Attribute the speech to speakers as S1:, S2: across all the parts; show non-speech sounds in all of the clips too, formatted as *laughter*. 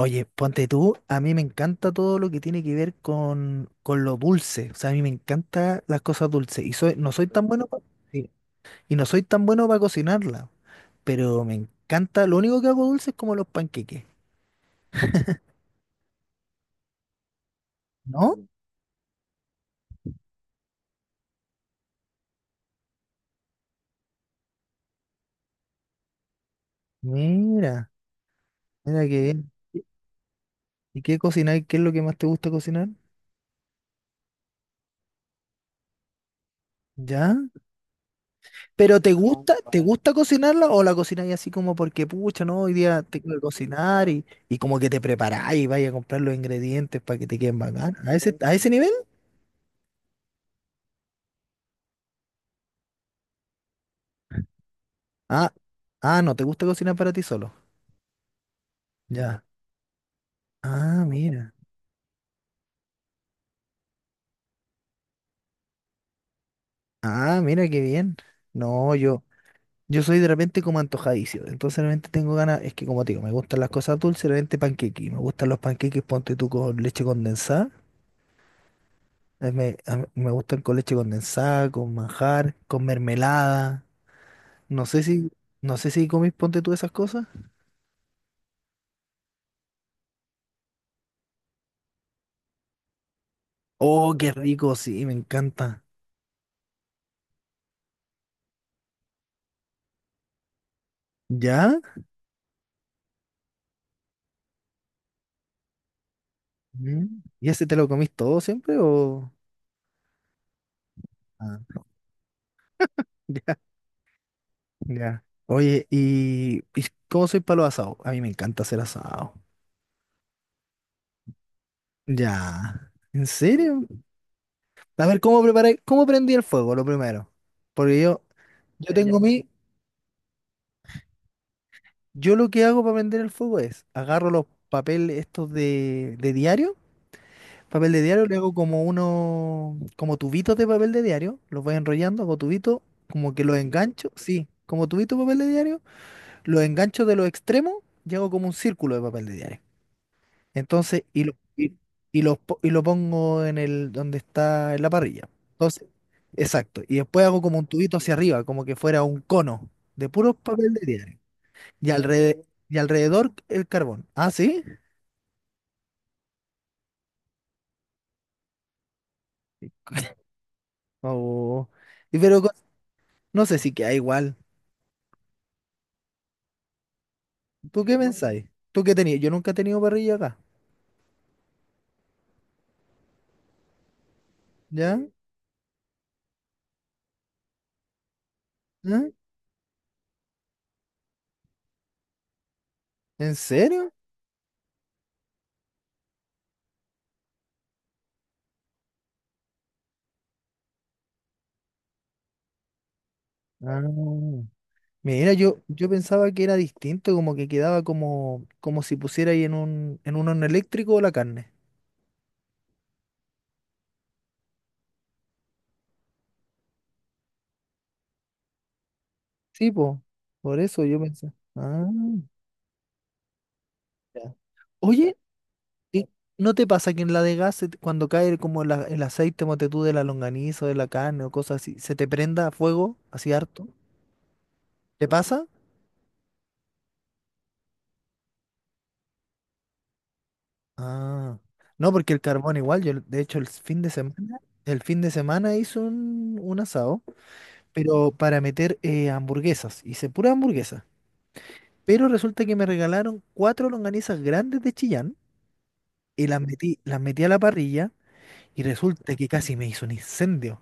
S1: Oye, ponte tú, a mí me encanta todo lo que tiene que ver con lo dulce. O sea, a mí me encantan las cosas dulces. No soy tan bueno y no soy tan bueno para cocinarla, pero me encanta. Lo único que hago dulce es como los panqueques. ¿No? Mira, mira qué bien. ¿Y qué cocináis? ¿Qué es lo que más te gusta cocinar? ¿Ya? ¿Pero te gusta cocinarla o la cocináis así como porque, pucha, no, hoy día tengo que cocinar y como que te preparáis y vais a comprar los ingredientes para que te queden bacán? ¿A a ese nivel? Ah, ah, no te gusta cocinar para ti solo. Ya. Ah, mira. Ah, mira qué bien. No, yo soy de repente como antojadizo. Entonces de repente tengo ganas, es que como te digo, me gustan las cosas dulces, de repente panqueques. Me gustan los panqueques, ponte tú con leche condensada. A mí me gustan con leche condensada, con manjar, con mermelada. No sé si, no sé si comís, ponte tú esas cosas. Oh, qué rico, sí, me encanta. ¿Ya? Mm. ¿Y ese te lo comís todo siempre o...? Ah. *laughs* Ya. Oye, ¿y cómo soy para los asados? A mí me encanta hacer asado. Ya. ¿En serio? A ver, ¿cómo prendí el fuego lo primero? Porque yo tengo mi, Yo lo que hago para prender el fuego es, agarro los papeles estos de diario, papel de diario, le hago como uno, como tubitos de papel de diario, los voy enrollando, hago tubito, como que los engancho, sí, como tubito de papel de diario, los engancho de los extremos y hago como un círculo de papel de diario. Entonces, y lo po- Y lo pongo en el donde está en la parrilla. Entonces, exacto. Y después hago como un tubito hacia arriba, como que fuera un cono de puro papel de diario. Y alrededor, y alrededor el carbón. ¿Ah, sí? *laughs* Oh. Y pero co- no sé si queda igual. ¿Tú qué pensáis? ¿Tú qué tenías? Yo nunca he tenido parrilla acá. ¿Ya? ¿Ah? ¿En serio? Ah. Yo pensaba que era distinto, como que quedaba como, como si pusiera ahí en en un horno eléctrico la carne. Sí, po, por eso yo pensé. Ah, ya. Oye, ¿y ¿no te pasa que en la de gas, se te- cuando cae como la- el aceite, mote tú, de la longaniza o de la carne o cosas así, se te prenda a fuego así harto? ¿Te pasa? Ah, no, porque el carbón igual, yo de hecho el fin de semana, el fin de semana hice un asado, pero para meter hamburguesas, hice pura hamburguesa. Pero resulta que me regalaron cuatro longanizas grandes de Chillán y las metí a la parrilla y resulta que casi me hizo un incendio.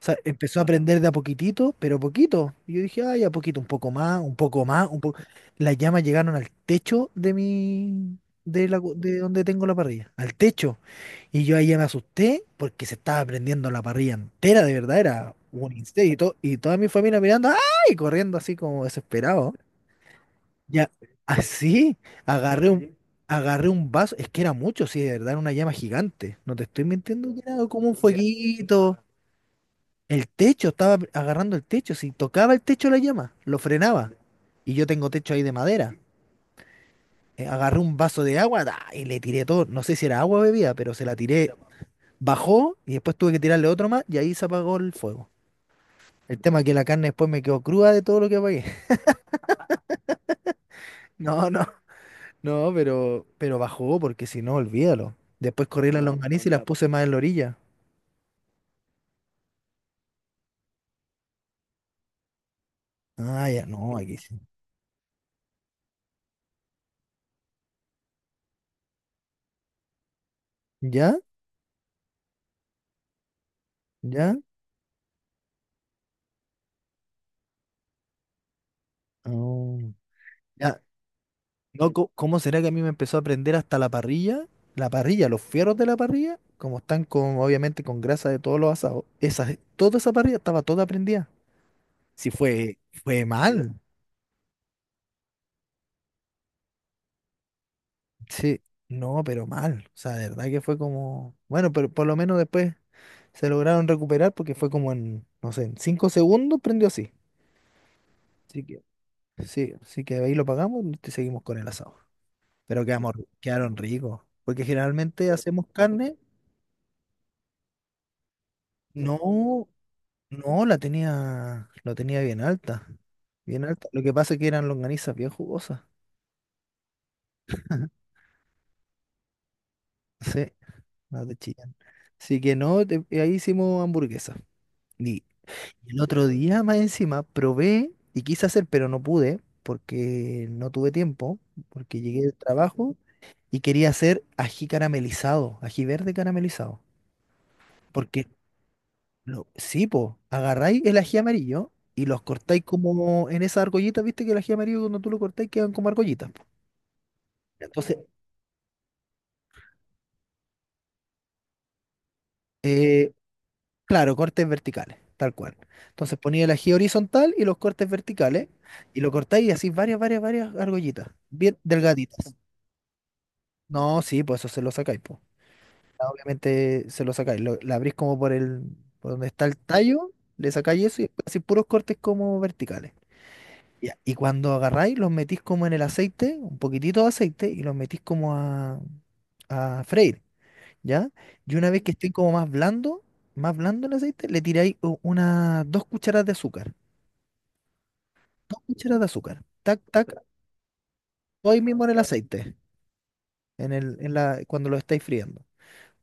S1: O sea, empezó a prender de a poquitito, pero poquito. Y yo dije, ay, a poquito, un poco más, un poco más, un poco. Las llamas llegaron al techo de donde tengo la parrilla, al techo. Y yo ahí ya me asusté porque se estaba prendiendo la parrilla entera, de verdad, era un incendio. Y toda mi familia mirando, ay, corriendo así como desesperado. Ya, así, agarré un, agarré un vaso, es que era mucho, sí, de verdad, era una llama gigante. No te estoy mintiendo que era como un fueguito. El techo, estaba agarrando el techo, si tocaba el techo la llama, lo frenaba. Y yo tengo techo ahí de madera. Agarré un vaso de agua ¡da! Y le tiré todo. No sé si era agua o bebida, pero se la tiré. Bajó y después tuve que tirarle otro más y ahí se apagó el fuego. El tema es que la carne después me quedó cruda de todo lo que apagué. *laughs* No, no. No, pero bajó porque si no, olvídalo. Después corrí las No, longaniza y las claro. puse más en la orilla. Ah, ya, no, aquí sí. ¿Ya? ¿Ya? Oh, ya. No, co- ¿Cómo será que a mí me empezó a prender hasta la parrilla? La parrilla, los fierros de la parrilla, como están con, obviamente, con grasa de todos los asados. Toda esa parrilla estaba toda prendida. Sí, fue, fue mal. Sí, no, pero mal. O sea, de verdad que fue como. Bueno, pero por lo menos después se lograron recuperar porque fue como en, no sé, en 5 segundos prendió así. Así que, sí, así que ahí lo pagamos y te seguimos con el asado. Pero quedamos, quedaron ricos. Porque generalmente hacemos carne. No, no, la tenía, lo tenía bien alta. Bien alta. Lo que pasa es que eran longanizas bien jugosas. *laughs* Sí, las de Chillán. Así que no, te- ahí hicimos hamburguesa. Y el otro día más encima probé y quise hacer, pero no pude porque no tuve tiempo, porque llegué del trabajo y quería hacer ají caramelizado, ají verde caramelizado. Porque, sí, po, agarráis el ají amarillo y los cortáis como en esas argollitas, viste que el ají amarillo cuando tú lo cortáis quedan como argollitas. Po. Entonces, eh, claro, cortes verticales, tal cual. Entonces ponía el ají horizontal y los cortes verticales y lo cortáis y así varias argollitas, bien delgaditas. No, sí, pues eso se lo sacáis, po. Obviamente se lo sacáis, la abrís como por el, por donde está el tallo, le sacáis eso y después así puros cortes como verticales. Ya. Y cuando agarráis, los metís como en el aceite, un poquitito de aceite, y los metís como a freír, ¿ya? Y una vez que estén como más blando el aceite, le tiráis u- unas 2 cucharadas de azúcar. 2 cucharadas de azúcar. Tac, tac, hoy mismo en el aceite, en la, cuando lo estáis friendo.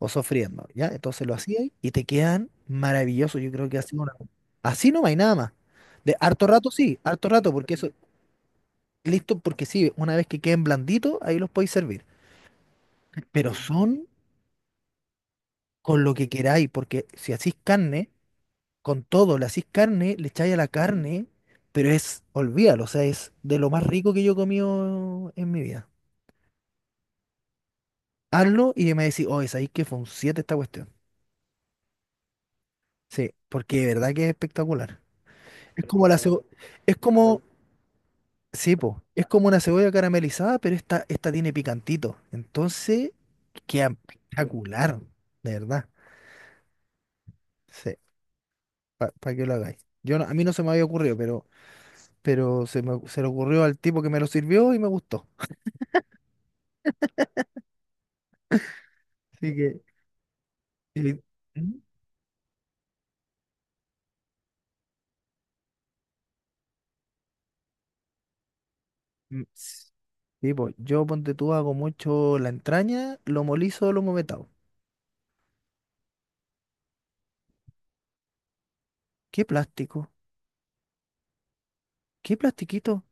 S1: O sofriendo, ¿ya? Entonces lo hacía ahí y te quedan maravillosos. Yo creo que así no hay nada más. De harto rato sí, harto rato, porque eso, listo, porque sí, una vez que queden blanditos, ahí los podéis servir. Pero son con lo que queráis, porque si hacís carne, con todo, le hacís carne, le echáis a la carne, pero es, olvídalo, o sea, es de lo más rico que yo he comido en mi vida. Hazlo y me decís, oh, es ahí que fue un 7 esta cuestión. Sí, porque de verdad que es espectacular. Es como la, segu- es como, Sí, po. Es como una cebolla caramelizada, pero esta tiene picantito. Entonces, queda espectacular, de verdad. Sí, para que lo hagáis. Yo no- a mí no se me había ocurrido, pero, se le ocurrió al tipo que me lo sirvió y me gustó. Así que. y- ¿Mm? Mm, s- Sí, po. Yo ponte tú, hago mucho la entraña, lo molizo, lo movetado. ¿Qué plástico? ¿Qué plastiquito?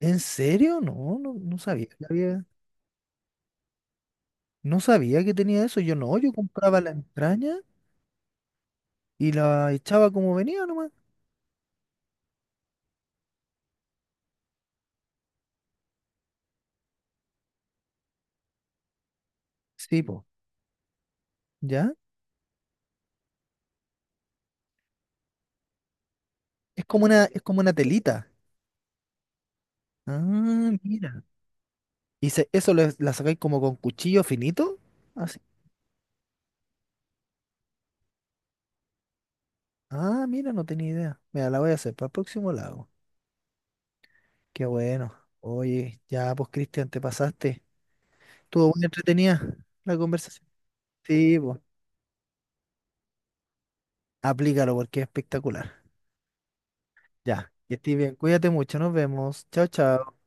S1: ¿En serio? No sabía que había- No sabía que tenía eso. Yo no, yo compraba la entraña. Y la echaba como venía nomás. Sí, po. ¿Ya? Es como una telita. Ah, mira. La sacáis como con cuchillo finito. Así. Ah, mira, no tenía idea. Mira, la voy a hacer para el próximo la Qué bueno. Oye, ya pues Cristian, te pasaste. Estuvo muy entretenida la conversación. Sí, pues. Aplícalo porque es espectacular. Ya. Que estés bien. Cuídate mucho. Nos vemos. Chao, chao.